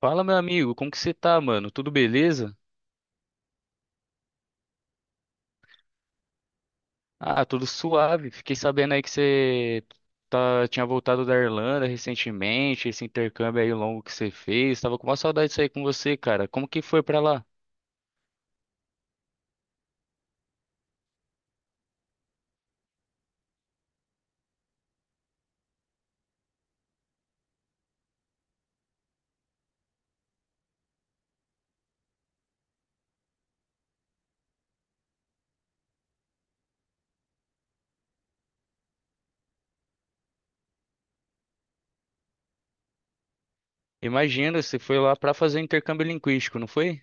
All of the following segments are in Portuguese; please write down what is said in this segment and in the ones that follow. Fala, meu amigo, como que você tá, mano? Tudo beleza? Ah, tudo suave. Fiquei sabendo aí que tinha voltado da Irlanda recentemente, esse intercâmbio aí longo que você fez. Tava com uma saudade disso aí com você, cara. Como que foi pra lá? Imagina, você foi lá pra fazer intercâmbio linguístico, não foi?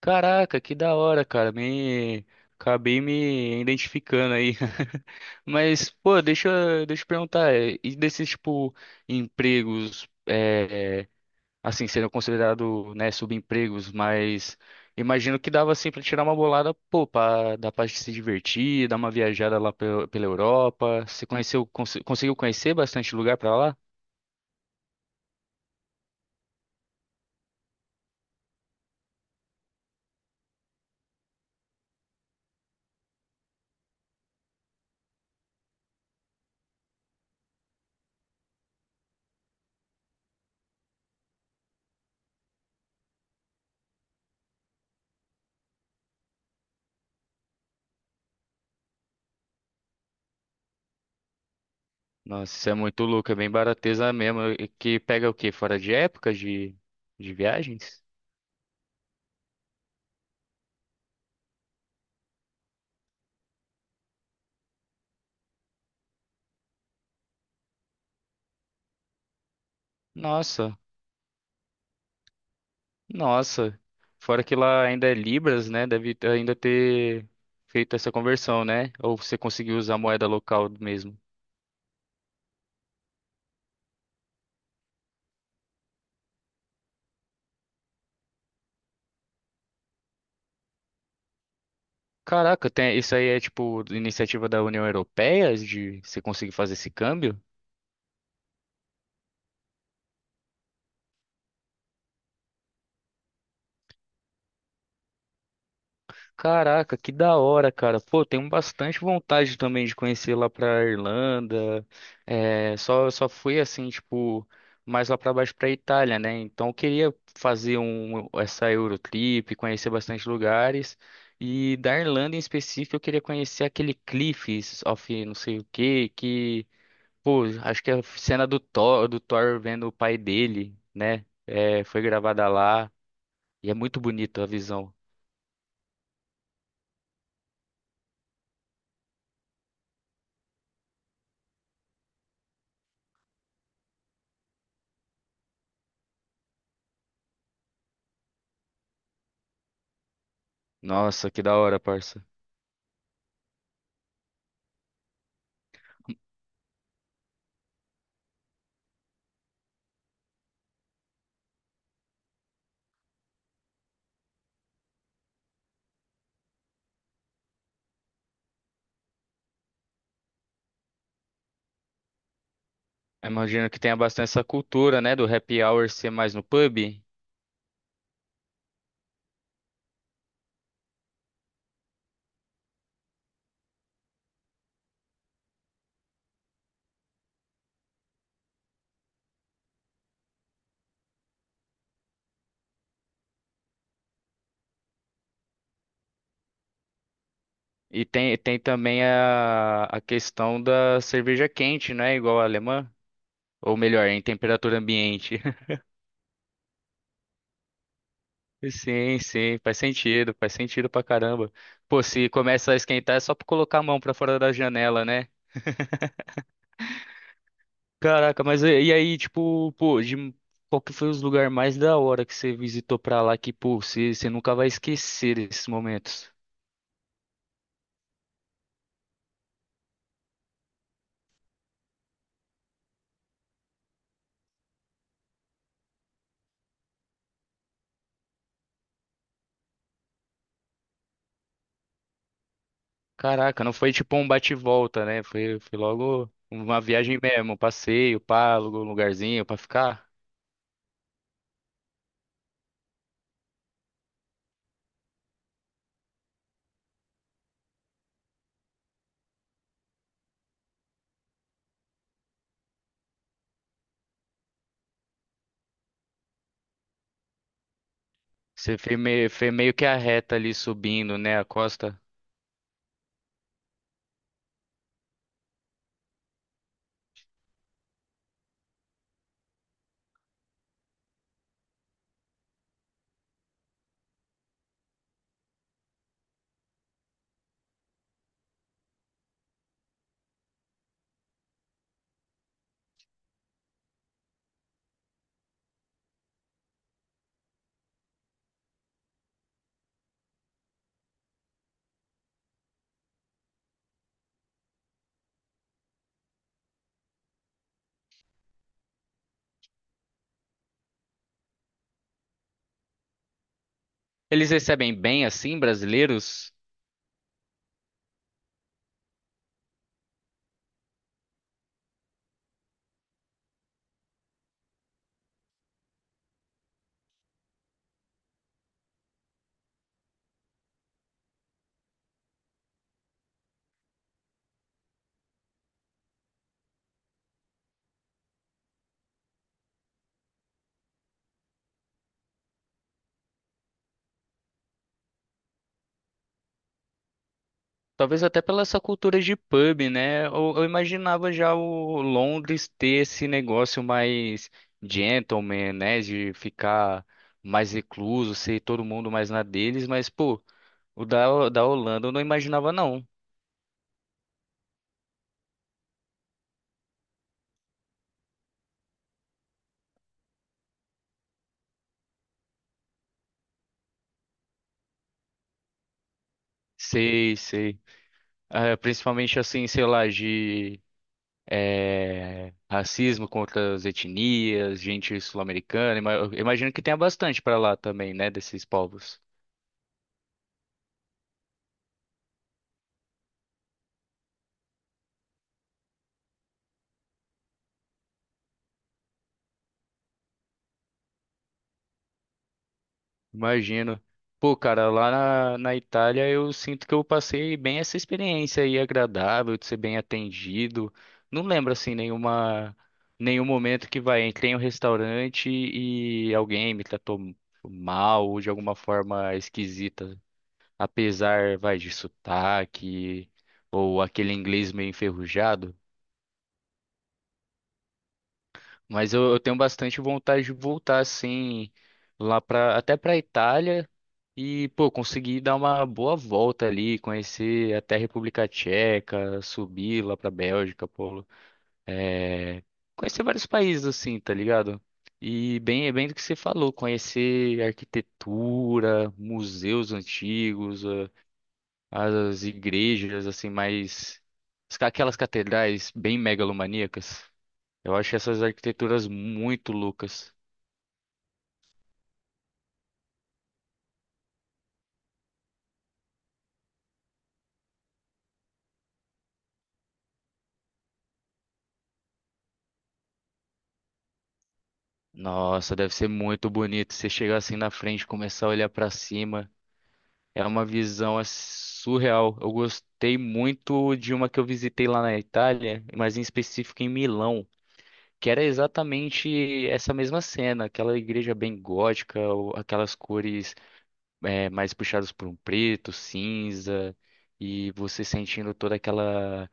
Caraca, que da hora, cara. Me Acabei me identificando aí. Mas, pô, deixa eu perguntar, e desses tipo empregos, é assim, seriam considerados, né, subempregos, mas imagino que dava assim para tirar uma bolada, pô, dá pra se divertir, dar uma viajada lá pela Europa. Você conseguiu conhecer bastante lugar pra lá? Nossa, isso é muito louco, é bem barateza mesmo. E que pega o quê? Fora de época de viagens? Nossa, nossa. Fora que lá ainda é Libras, né? Ainda ter feito essa conversão, né? Ou você conseguiu usar a moeda local mesmo. Caraca, tem, isso aí é tipo iniciativa da União Europeia de você conseguir fazer esse câmbio? Caraca, que da hora, cara. Pô, tenho bastante vontade também de conhecer lá pra Irlanda. É, só fui assim, tipo, mais lá pra baixo pra Itália, né? Então eu queria essa Eurotrip, conhecer bastante lugares. E da Irlanda em específico, eu queria conhecer aquele Cliffs of não sei o que, que pô, acho que a cena do Thor, vendo o pai dele, né? É, foi gravada lá e é muito bonito a visão. Nossa, que da hora, parça. Imagino que tenha bastante essa cultura, né, do happy hour ser mais no pub. E tem também a questão da cerveja quente, né, igual a alemã. Ou melhor, em temperatura ambiente. Sim, sim, faz sentido pra caramba. Pô, se começa a esquentar é só pra colocar a mão pra fora da janela, né? Caraca, mas e aí, tipo, pô, de, qual que foi os lugares mais da hora que você visitou pra lá que, pô, você nunca vai esquecer desses momentos? Caraca, não foi tipo um bate e volta, né? Foi logo uma viagem mesmo, um passeio, pá, alugou um lugarzinho pra ficar. Você fez meio que a reta ali subindo, né, a costa. Eles recebem bem assim, brasileiros? Talvez até pela essa cultura de pub, né? Eu imaginava já o Londres ter esse negócio mais gentleman, né? De ficar mais recluso, ser todo mundo mais na deles, mas, pô, o da Holanda eu não imaginava, não. Sei, sei. Ah, principalmente assim, sei lá, de racismo contra as etnias, gente sul-americana. Ima- eu Imagino que tenha bastante pra lá também, né? Desses povos. Imagino. Pô, cara, lá na Itália eu sinto que eu passei bem essa experiência aí agradável, de ser bem atendido. Não lembro assim nenhuma Nenhum momento que vai, entrei em um restaurante e alguém me tratou mal ou de alguma forma esquisita, apesar, vai, de sotaque ou aquele inglês meio enferrujado. Mas eu tenho bastante vontade de voltar assim lá para até para Itália e pô, conseguir dar uma boa volta ali, conhecer até a República Tcheca, subir lá para Bélgica, pô, é, conhecer vários países assim, tá ligado? E bem, é bem do que você falou, conhecer arquitetura, museus antigos, as igrejas assim mais aquelas catedrais bem megalomaníacas. Eu acho essas arquiteturas muito loucas. Nossa, deve ser muito bonito. Você chegar assim na frente e começar a olhar pra cima. É uma visão assim, surreal. Eu gostei muito de uma que eu visitei lá na Itália, mas em específico em Milão, que era exatamente essa mesma cena, aquela igreja bem gótica, aquelas cores mais puxadas por um preto, cinza, e você sentindo toda aquela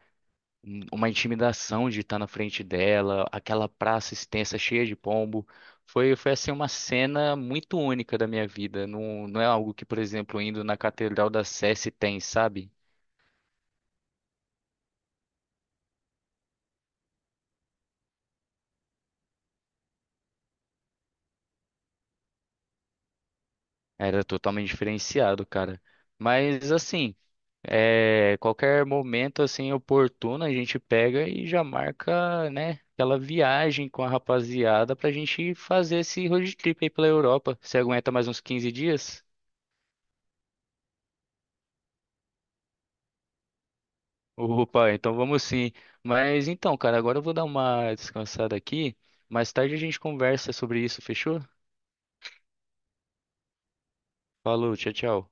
uma intimidação de estar na frente dela, aquela praça extensa cheia de pombo. Foi assim uma cena muito única da minha vida. Não, não é algo que, por exemplo, indo na Catedral da Sé se tem, sabe? Era totalmente diferenciado, cara. Mas assim, é, qualquer momento assim oportuno a gente pega e já marca, né? Aquela viagem com a rapaziada pra gente fazer esse road trip aí pela Europa. Você aguenta mais uns 15 dias? Opa, então vamos sim. Mas então, cara, agora eu vou dar uma descansada aqui. Mais tarde a gente conversa sobre isso, fechou? Falou, tchau, tchau.